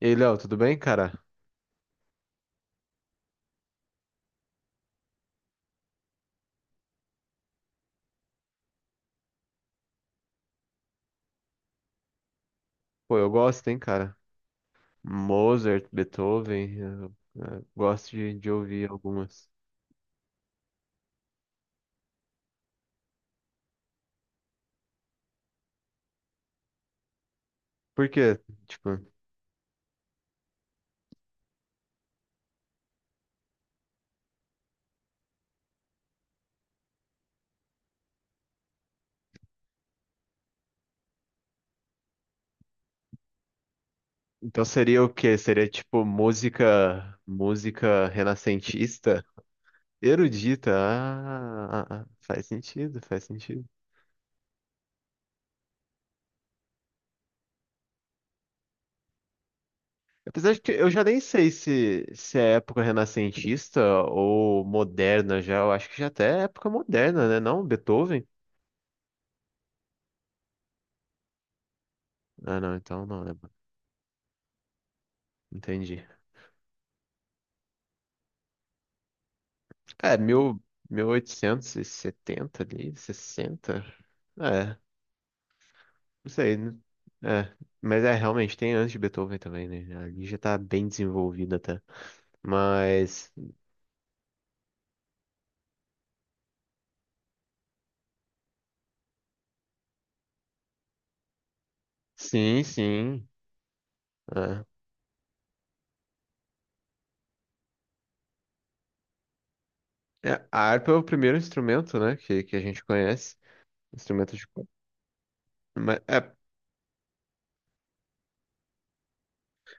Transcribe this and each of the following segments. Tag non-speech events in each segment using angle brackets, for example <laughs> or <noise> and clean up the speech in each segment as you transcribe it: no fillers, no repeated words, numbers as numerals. E aí, Léo, tudo bem, cara? Pô, eu gosto, hein, cara? Mozart, Beethoven, eu gosto de ouvir algumas. Por quê? Tipo, então seria o quê? Seria tipo música, música renascentista? Erudita, ah, ah, ah, faz sentido, faz sentido. Apesar de que eu já nem sei se é época renascentista ou moderna já, eu acho que já até é época moderna, né? Não, Beethoven? Ah, não, então não, né? Entendi. É, mil oitocentos e setenta ali, 60. É, não sei, né? É, mas é, realmente, tem antes de Beethoven também, né? Ali já tá bem desenvolvida até. Mas, sim, sim. É. É, a harpa é o primeiro instrumento, né, que a gente conhece. Instrumento de corda. Mas, é,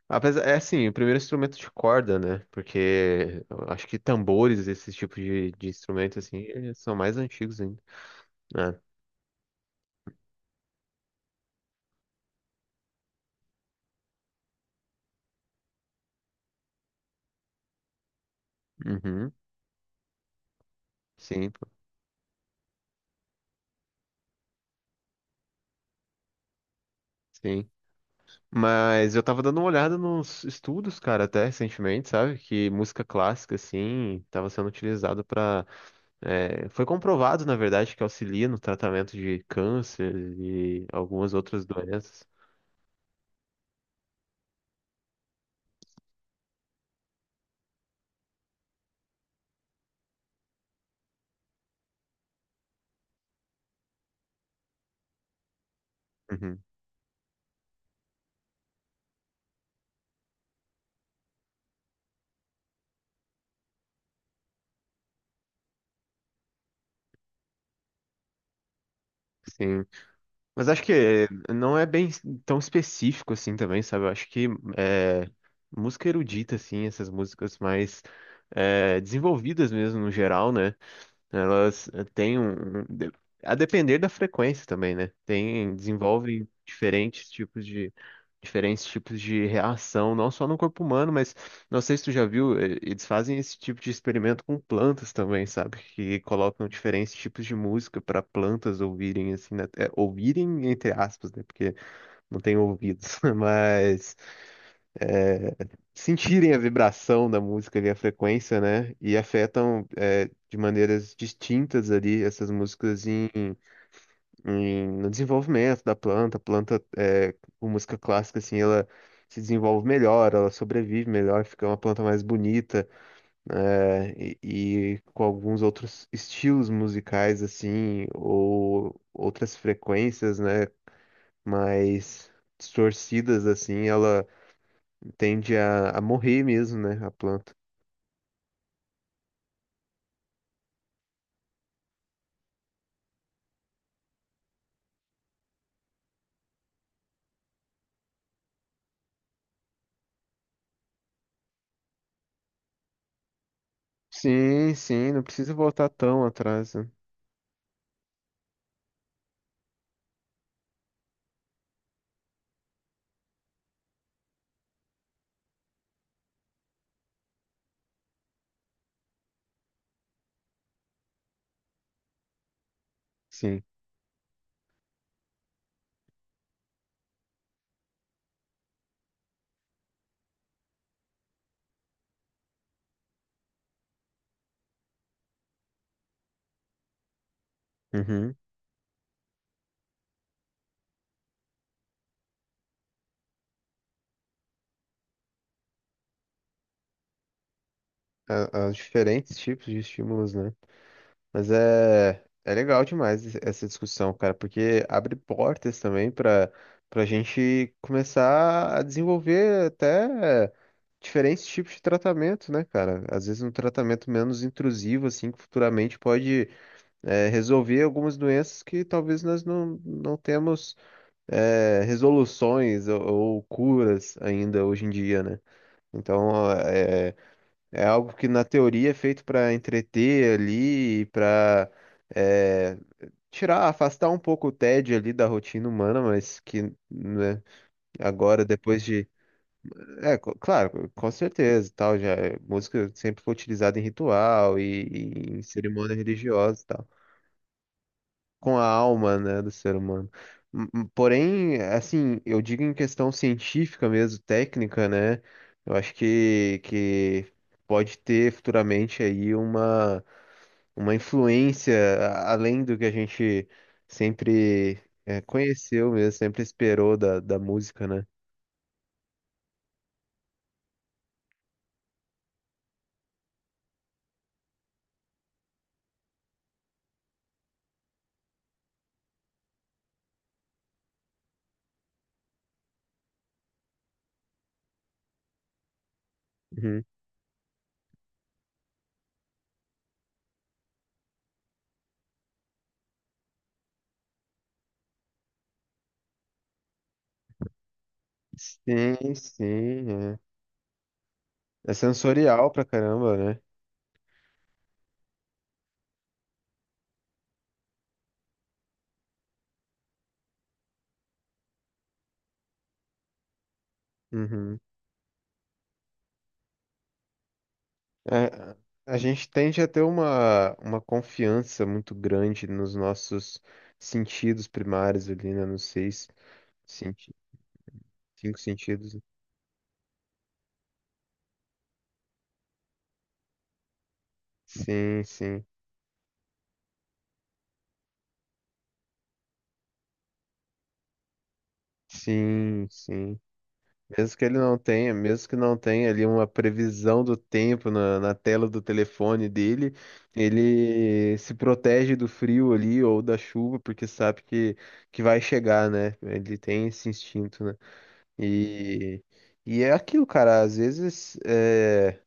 apesar, é assim, o primeiro instrumento de corda, né? Porque eu acho que tambores, esse tipo de instrumento, assim, eles são mais antigos ainda. Né? Uhum, sim, pô, sim. Mas eu tava dando uma olhada nos estudos, cara, até recentemente, sabe? Que música clássica, assim, tava sendo utilizada pra. Foi comprovado, na verdade, que auxilia no tratamento de câncer e algumas outras doenças. Uhum. Sim. Mas acho que não é bem tão específico assim também, sabe? Eu acho que é, música erudita, assim, essas músicas mais desenvolvidas mesmo no geral, né? Elas têm um- de- a depender da frequência também, né? Desenvolvem diferentes tipos de reação, não só no corpo humano, mas não sei se tu já viu, eles fazem esse tipo de experimento com plantas também, sabe? Que colocam diferentes tipos de música para plantas ouvirem assim, né? É, ouvirem entre aspas, né? Porque não tem ouvidos, <laughs> mas sentirem a vibração da música ali, a frequência, né? E afetam de maneiras distintas ali essas músicas no desenvolvimento da planta. A planta, com música clássica, assim, ela se desenvolve melhor, ela sobrevive melhor, fica uma planta mais bonita, né? E com alguns outros estilos musicais, assim, ou outras frequências, né? Mais distorcidas, assim, ela tende a morrer mesmo, né? A planta. Sim, sim, não precisa voltar tão atrás, né? Sim. Uhum. Aos diferentes tipos de estímulos, né? Mas é legal demais essa discussão, cara, porque abre portas também para a gente começar a desenvolver até diferentes tipos de tratamento, né, cara? Às vezes um tratamento menos intrusivo, assim, que futuramente pode resolver algumas doenças que talvez nós não temos resoluções ou curas ainda hoje em dia, né? Então é algo que na teoria é feito para entreter ali, para tirar, afastar um pouco o tédio ali da rotina humana, mas que, né, agora depois de, claro, com certeza, e tal, já música sempre foi utilizada em ritual e em cerimônia religiosa, e tal. Com a alma, né, do ser humano. Porém, assim, eu digo em questão científica mesmo, técnica, né? Eu acho que pode ter futuramente aí uma, influência além do que a gente sempre conheceu mesmo, sempre esperou da música, né? Uhum. Sim, sim, é. É sensorial pra caramba, né? Uhum. É, a gente tende a ter uma confiança muito grande nos nossos sentidos primários ali, né? Nos senti- cinco sentidos. Sim, sim, sim, sim. Mesmo que não tenha ali uma previsão do tempo na tela do telefone dele, ele se protege do frio ali ou da chuva, porque sabe que vai chegar, né? Ele tem esse instinto, né? E, e é aquilo, cara. Às vezes é.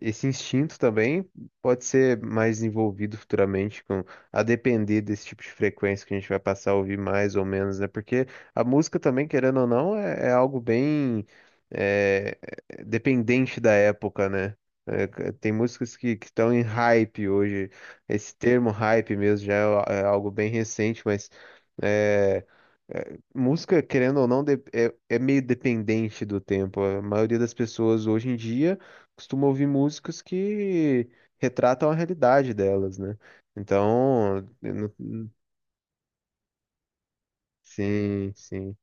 Esse instinto também pode ser mais envolvido futuramente com a depender desse tipo de frequência que a gente vai passar a ouvir mais ou menos, né? Porque a música também, querendo ou não, é algo bem é, é dependente da época, né? É, tem músicas que estão em hype hoje. Esse termo hype mesmo já é algo bem recente, mas é, música, querendo ou não, é meio dependente do tempo. A maioria das pessoas hoje em dia costumo ouvir músicas que retratam a realidade delas, né? Então, eu não- sim, sim,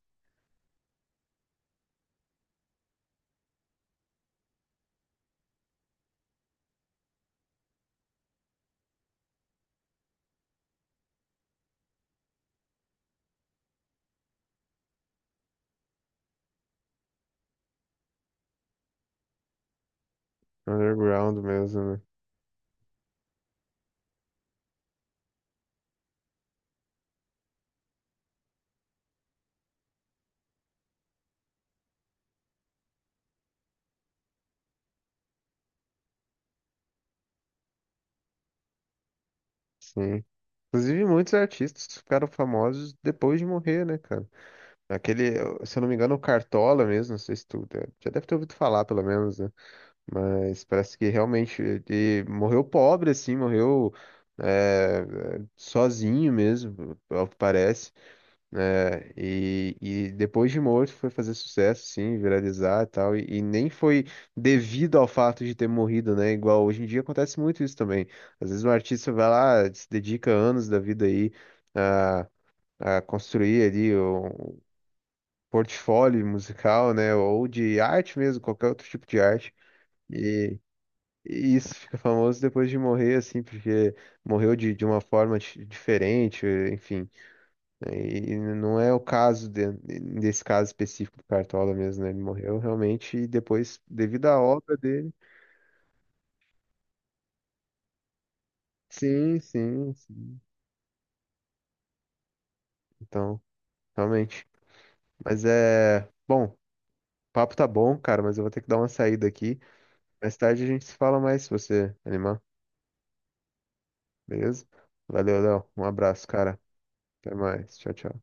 underground mesmo, né? Sim. Inclusive, muitos artistas ficaram famosos depois de morrer, né, cara? Aquele, se eu não me engano, o Cartola mesmo, não sei se tu já deve ter ouvido falar, pelo menos, né? Mas parece que realmente ele morreu pobre, assim, morreu eh, sozinho mesmo, ao que parece. Né, e depois de morto foi fazer sucesso, sim, viralizar e tal. E nem foi devido ao fato de ter morrido, né? Igual hoje em dia acontece muito isso também. Às vezes um artista vai lá, se dedica anos da vida aí a, a construir ali um portfólio musical, né? Ou de arte mesmo, qualquer outro tipo de arte. E, e isso <laughs> fica famoso depois de morrer, assim, porque morreu de uma forma diferente, enfim. E não é o caso desse caso específico do Cartola mesmo, né? Ele morreu realmente e depois, devido à obra dele. Sim, sim, sim. Então, realmente. Mas é. Bom, o papo tá bom, cara, mas eu vou ter que dar uma saída aqui. Mais tarde a gente se fala mais se você animar, beleza? Valeu, Léo. Um abraço, cara. Até mais. Tchau, tchau.